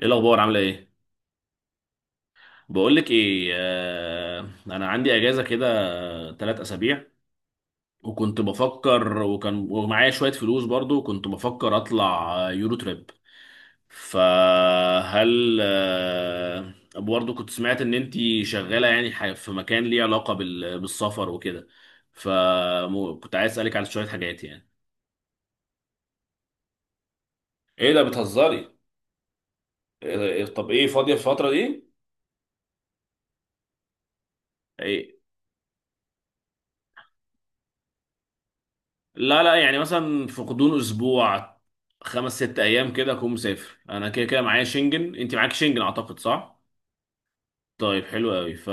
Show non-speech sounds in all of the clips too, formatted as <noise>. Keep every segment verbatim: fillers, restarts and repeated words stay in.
ايه الاخبار؟ عامله ايه؟ بقول لك ايه. آه انا عندي اجازه كده، ثلاث اسابيع، وكنت بفكر وكان ومعايا شويه فلوس، برضو كنت بفكر اطلع آه، يورو تريب. فهل آه برضو كنت سمعت ان انتي شغاله، يعني ح- في مكان ليه علاقه بال- بالسفر وكده، فكنت عايز اسالك على شويه حاجات يعني. ايه ده؟ بتهزري؟ إيه ده- إيه- طب ايه فاضيه في الفتره دي؟ لا لا، يعني مثلا في غضون اسبوع، خمس ست ايام كده اكون مسافر. انا كده كده معايا شنجن، انت معاك شنجن اعتقد، صح؟ طيب، حلو قوي. ف...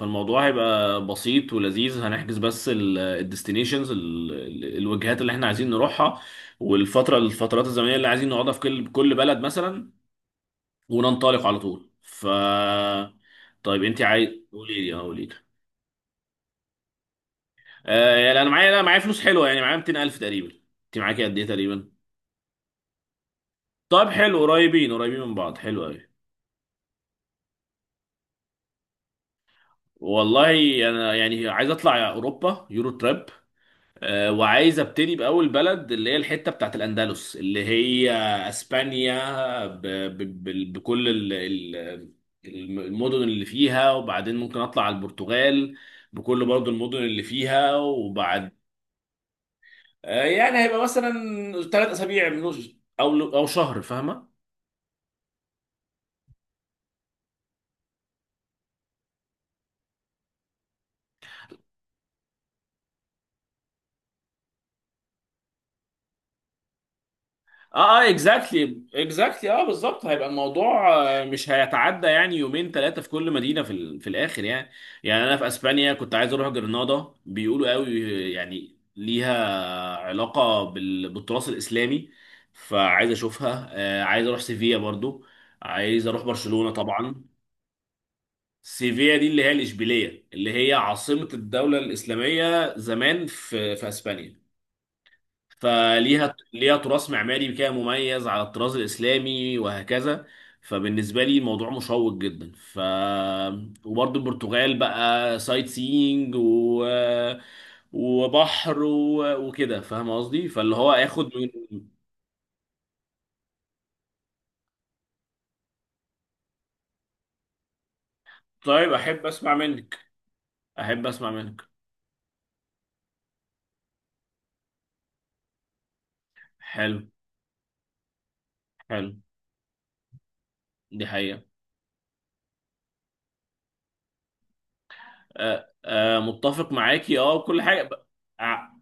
فالموضوع هيبقى بسيط ولذيذ. هنحجز بس الديستنيشنز، الوجهات اللي احنا عايزين نروحها، والفتره الفترات الزمنيه اللي عايزين نقعدها في كل كل بلد مثلا، وننطلق على طول. ف طيب انت عايز، قولي لي، اه قولي لي. آه يعني انا معايا، لا معايا فلوس حلوه، يعني معايا مائتين ألف تقريبا. انت معاكي قد ايه تقريبا؟ طب حلو، قريبين قريبين من بعض، حلو قوي. والله انا يعني عايز اطلع اوروبا، يورو تراب. أه وعايز ابتدي باول بلد، اللي هي الحته بتاعت الاندلس، اللي هي اسبانيا، ب ب ب بكل ال ال المدن اللي فيها، وبعدين ممكن اطلع على البرتغال بكل برضو المدن اللي فيها. وبعد، أه يعني هيبقى مثلا ثلاث اسابيع، من او او شهر، فاهمه؟ اه، اكزاكتلي اكزاكتلي، اه بالظبط هيبقى الموضوع. آه، مش هيتعدى يعني يومين ثلاثه في كل مدينه في ال- في الاخر يعني. يعني انا في اسبانيا كنت عايز اروح جرناطه، بيقولوا قوي يعني ليها علاقه بال- بالتراث الاسلامي، فعايز اشوفها. آه عايز اروح سيفيا برضو، عايز اروح برشلونه طبعا. سيفيا دي اللي هي الاشبيليه، اللي هي عاصمه الدوله الاسلاميه زمان في في اسبانيا، فليها ليها تراث معماري كده مميز على الطراز الاسلامي، وهكذا. فبالنسبه لي الموضوع مشوق جدا. ف وبرضه البرتغال بقى، سايت سينج و... وبحر و... وكده، فاهم قصدي؟ فاللي هو اخد من، طيب احب اسمع منك، احب اسمع منك. حلو، حلو، دي حقيقه. أه أه، متفق معاكي، اه كل حاجه. ب... آه،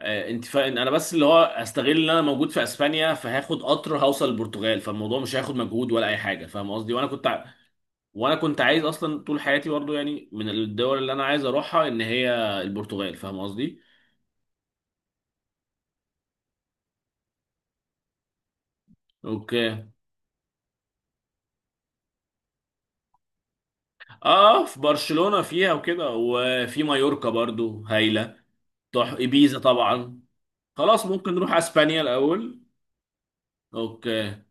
آه، انت فاهم، انا بس اللي هو استغل ان انا موجود في اسبانيا، فهاخد قطر هوصل البرتغال، فالموضوع مش هياخد مجهود ولا اي حاجه، فاهم قصدي؟ وانا كنت ع- وانا كنت عايز اصلا طول حياتي، برضو يعني من الدول اللي انا عايز اروحها ان هي البرتغال، فاهم قصدي؟ اوكي. اه في برشلونه فيها وكده، وفي مايوركا برضو هايله. تروح ايبيزا طبعا. خلاص، ممكن نروح اسبانيا الاول. اوكي.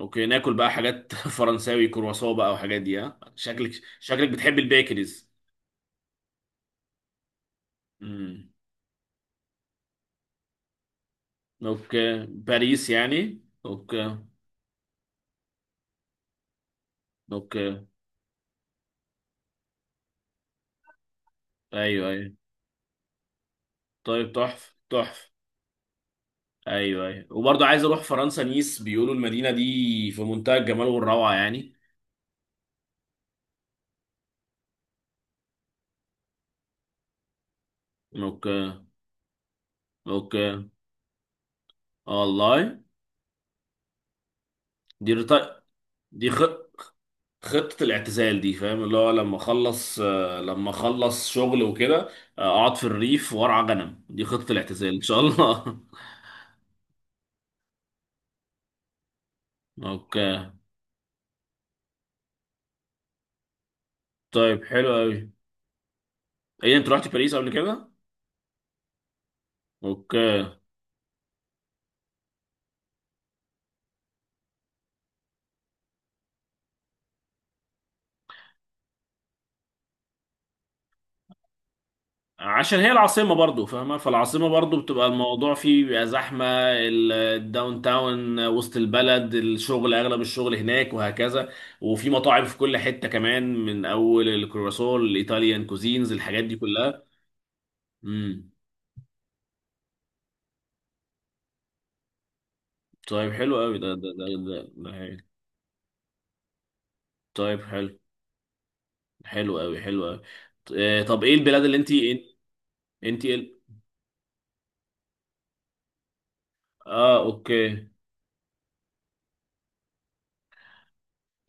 اوكي، ناكل بقى حاجات <laughs> فرنساوي، كرواسون بقى وحاجات دي، ها؟ شكلك، شكلك بتحب البيكريز. امم، اوكي، باريس يعني؟ اوكي، اوكي. ايوه ايوه. طيب، تحفه تحفه. ايوه ايوه، وبرضه عايز اروح فرنسا نيس، بيقولوا المدينه دي في منتهى الجمال والروعه يعني. اوكي، اوكي، والله. دي رط... دي خ... خطه الاعتزال دي، فاهم؟ اللي هو لما اخلص، آه، لما اخلص شغل وكده، آه، اقعد في الريف وارعى غنم. دي خطه الاعتزال ان شاء الله. <laughs> اوكي. طيب حلو قوي. ايه، انت رحت باريس قبل كده؟ اوكي. عشان هي العاصمة برضو، فاهمة؟ فالعاصمة برضو بتبقى الموضوع فيه بيبقى زحمة. ال- الداون تاون، وسط البلد، الشغل، أغلب الشغل هناك وهكذا، وفي مطاعم في كل حتة كمان، من أول الكرواسون الإيطاليان كوزينز، الحاجات دي كلها. امم. طيب حلو قوي، ده ده ده ده, ده حلو. طيب حلو، حلو قوي، حلو قوي. ط- آه، طب إيه البلاد اللي أنت؟ أنت إيه ال- اه أوكي.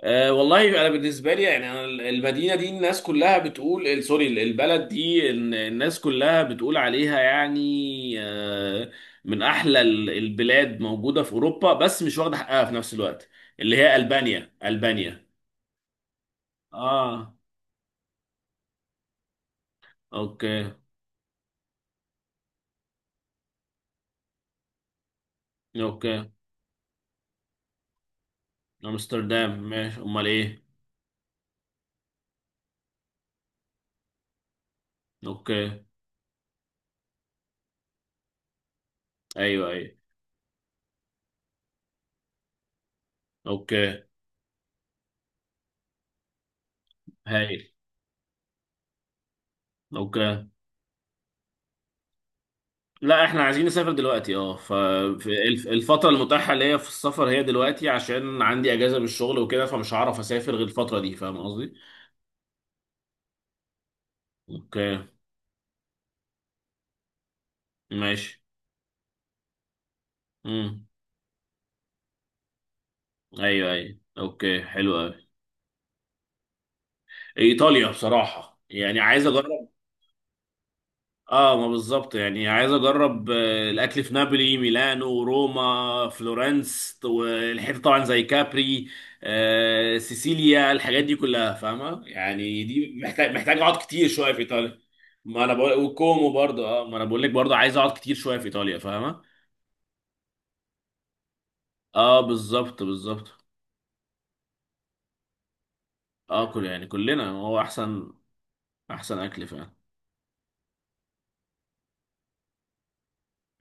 أه والله انا بالنسبه لي، يعني انا المدينه دي الناس كلها بتقول، سوري، البلد دي الن- الناس كلها بتقول عليها يعني، أه، من احلى ال- البلاد موجوده في اوروبا، بس مش واخده حقها في نفس الوقت، اللي هي البانيا، البانيا. اه اوكي. اوكي، امستردام ماشي، امال ايه؟ اوكي. ايوه ايوه. اوكي. هايل، اوكي. لا احنا عايزين نسافر دلوقتي، اه، فالفترة المتاحة ليا في السفر هي دلوقتي، عشان عندي اجازة من الشغل وكده، فمش هعرف اسافر غير الفترة دي، فاهم قصدي؟ اوكي. ماشي. امم. ايوه ايوه، اوكي حلو قوي. ايطاليا بصراحة، يعني عايز اجرب. اه ما بالظبط، يعني عايز اجرب آه، الاكل في نابولي، ميلانو، روما، فلورنس، والحته طبعا زي كابري، آه سيسيليا، الحاجات دي كلها، فاهمه؟ يعني دي محتاج، محتاج اقعد كتير شويه في ايطاليا. ما انا بقول وكومو برضه، اه ما انا بقول لك برضه عايز اقعد كتير شويه في ايطاليا، فاهمه؟ اه بالظبط، بالظبط. اه كل يعني، كلنا هو احسن، احسن اكل فعلا.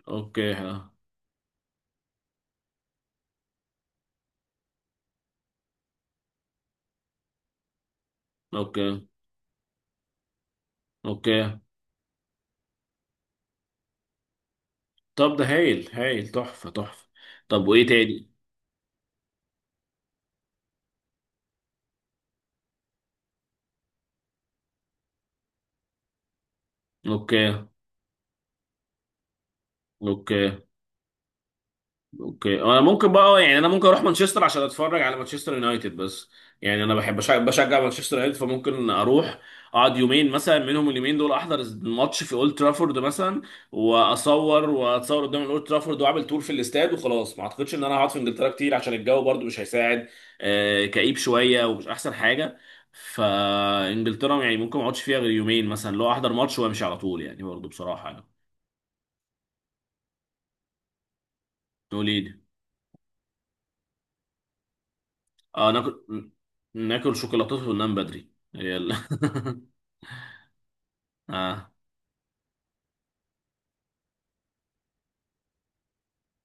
اوكي، ها؟ اوكي. اوكي. طب ده هايل هايل، تحفه تحفه. طب وايه تاني؟ اوكي. اوكي. اوكي. انا ممكن بقى، يعني انا ممكن اروح مانشستر عشان اتفرج على مانشستر يونايتد، بس يعني انا بحب أشجع- بشجع مانشستر يونايتد، فممكن اروح اقعد يومين مثلا، منهم اليومين دول احضر الماتش في اولد ترافورد مثلا، واصور واتصور قدام الاولد ترافورد، واعمل تور في الاستاد، وخلاص. ما اعتقدش ان انا هقعد في انجلترا كتير، عشان الجو برضو مش هيساعد، آه، كئيب شويه ومش احسن حاجه، فانجلترا يعني ممكن ما اقعدش فيها غير يومين مثلا، لو احضر ماتش وامشي على طول، يعني برضو بصراحه يعني. تقول ايه؟ اه، ناكل، ناكل شوكولاتات وننام بدري، هي ال... <laughs> اه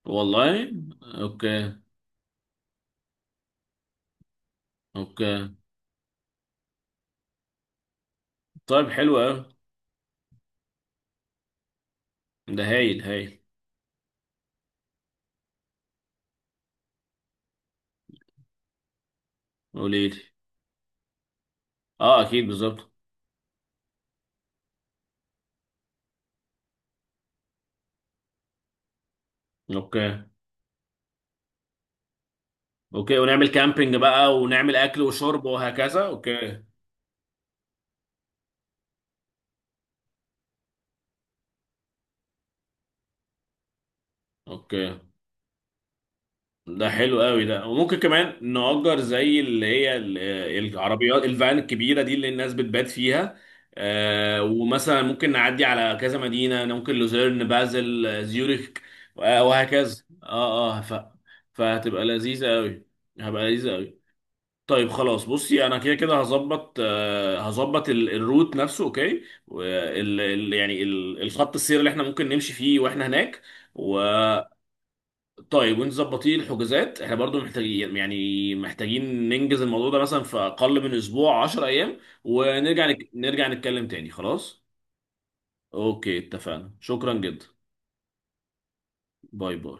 والله. اوكي. اوكي. طيب حلو قوي، ده هايل هايل. قولي لي. اه اكيد، بالظبط. اوكي. اوكي، ونعمل كامبينج بقى، ونعمل اكل وشرب وهكذا، اوكي. اوكي. ده حلو قوي ده، وممكن كمان نأجر زي اللي هي ال- العربيات، الفان الكبيرة دي اللي الناس بتبات فيها، آه، ومثلا ممكن نعدي على كذا مدينة، ممكن لوزيرن، بازل، آه، زيوريك، آه، وهكذا. اه اه. ف... فهتبقى لذيذة قوي، هبقى لذيذة قوي. طيب خلاص، بصي انا كده كده هظبط، آه، هظبط ال- الروت نفسه، اوكي، وال- ال- يعني ال- الخط السير اللي احنا ممكن نمشي فيه واحنا هناك. طيب، وانتوا ظبطين الحجوزات، احنا برضو محتاجين، يعني محتاجين ننجز الموضوع ده مثلا في اقل من اسبوع، 10 ايام، ونرجع نك... نرجع نتكلم تاني، خلاص. اوكي، اتفقنا، شكرا جدا. باي باي.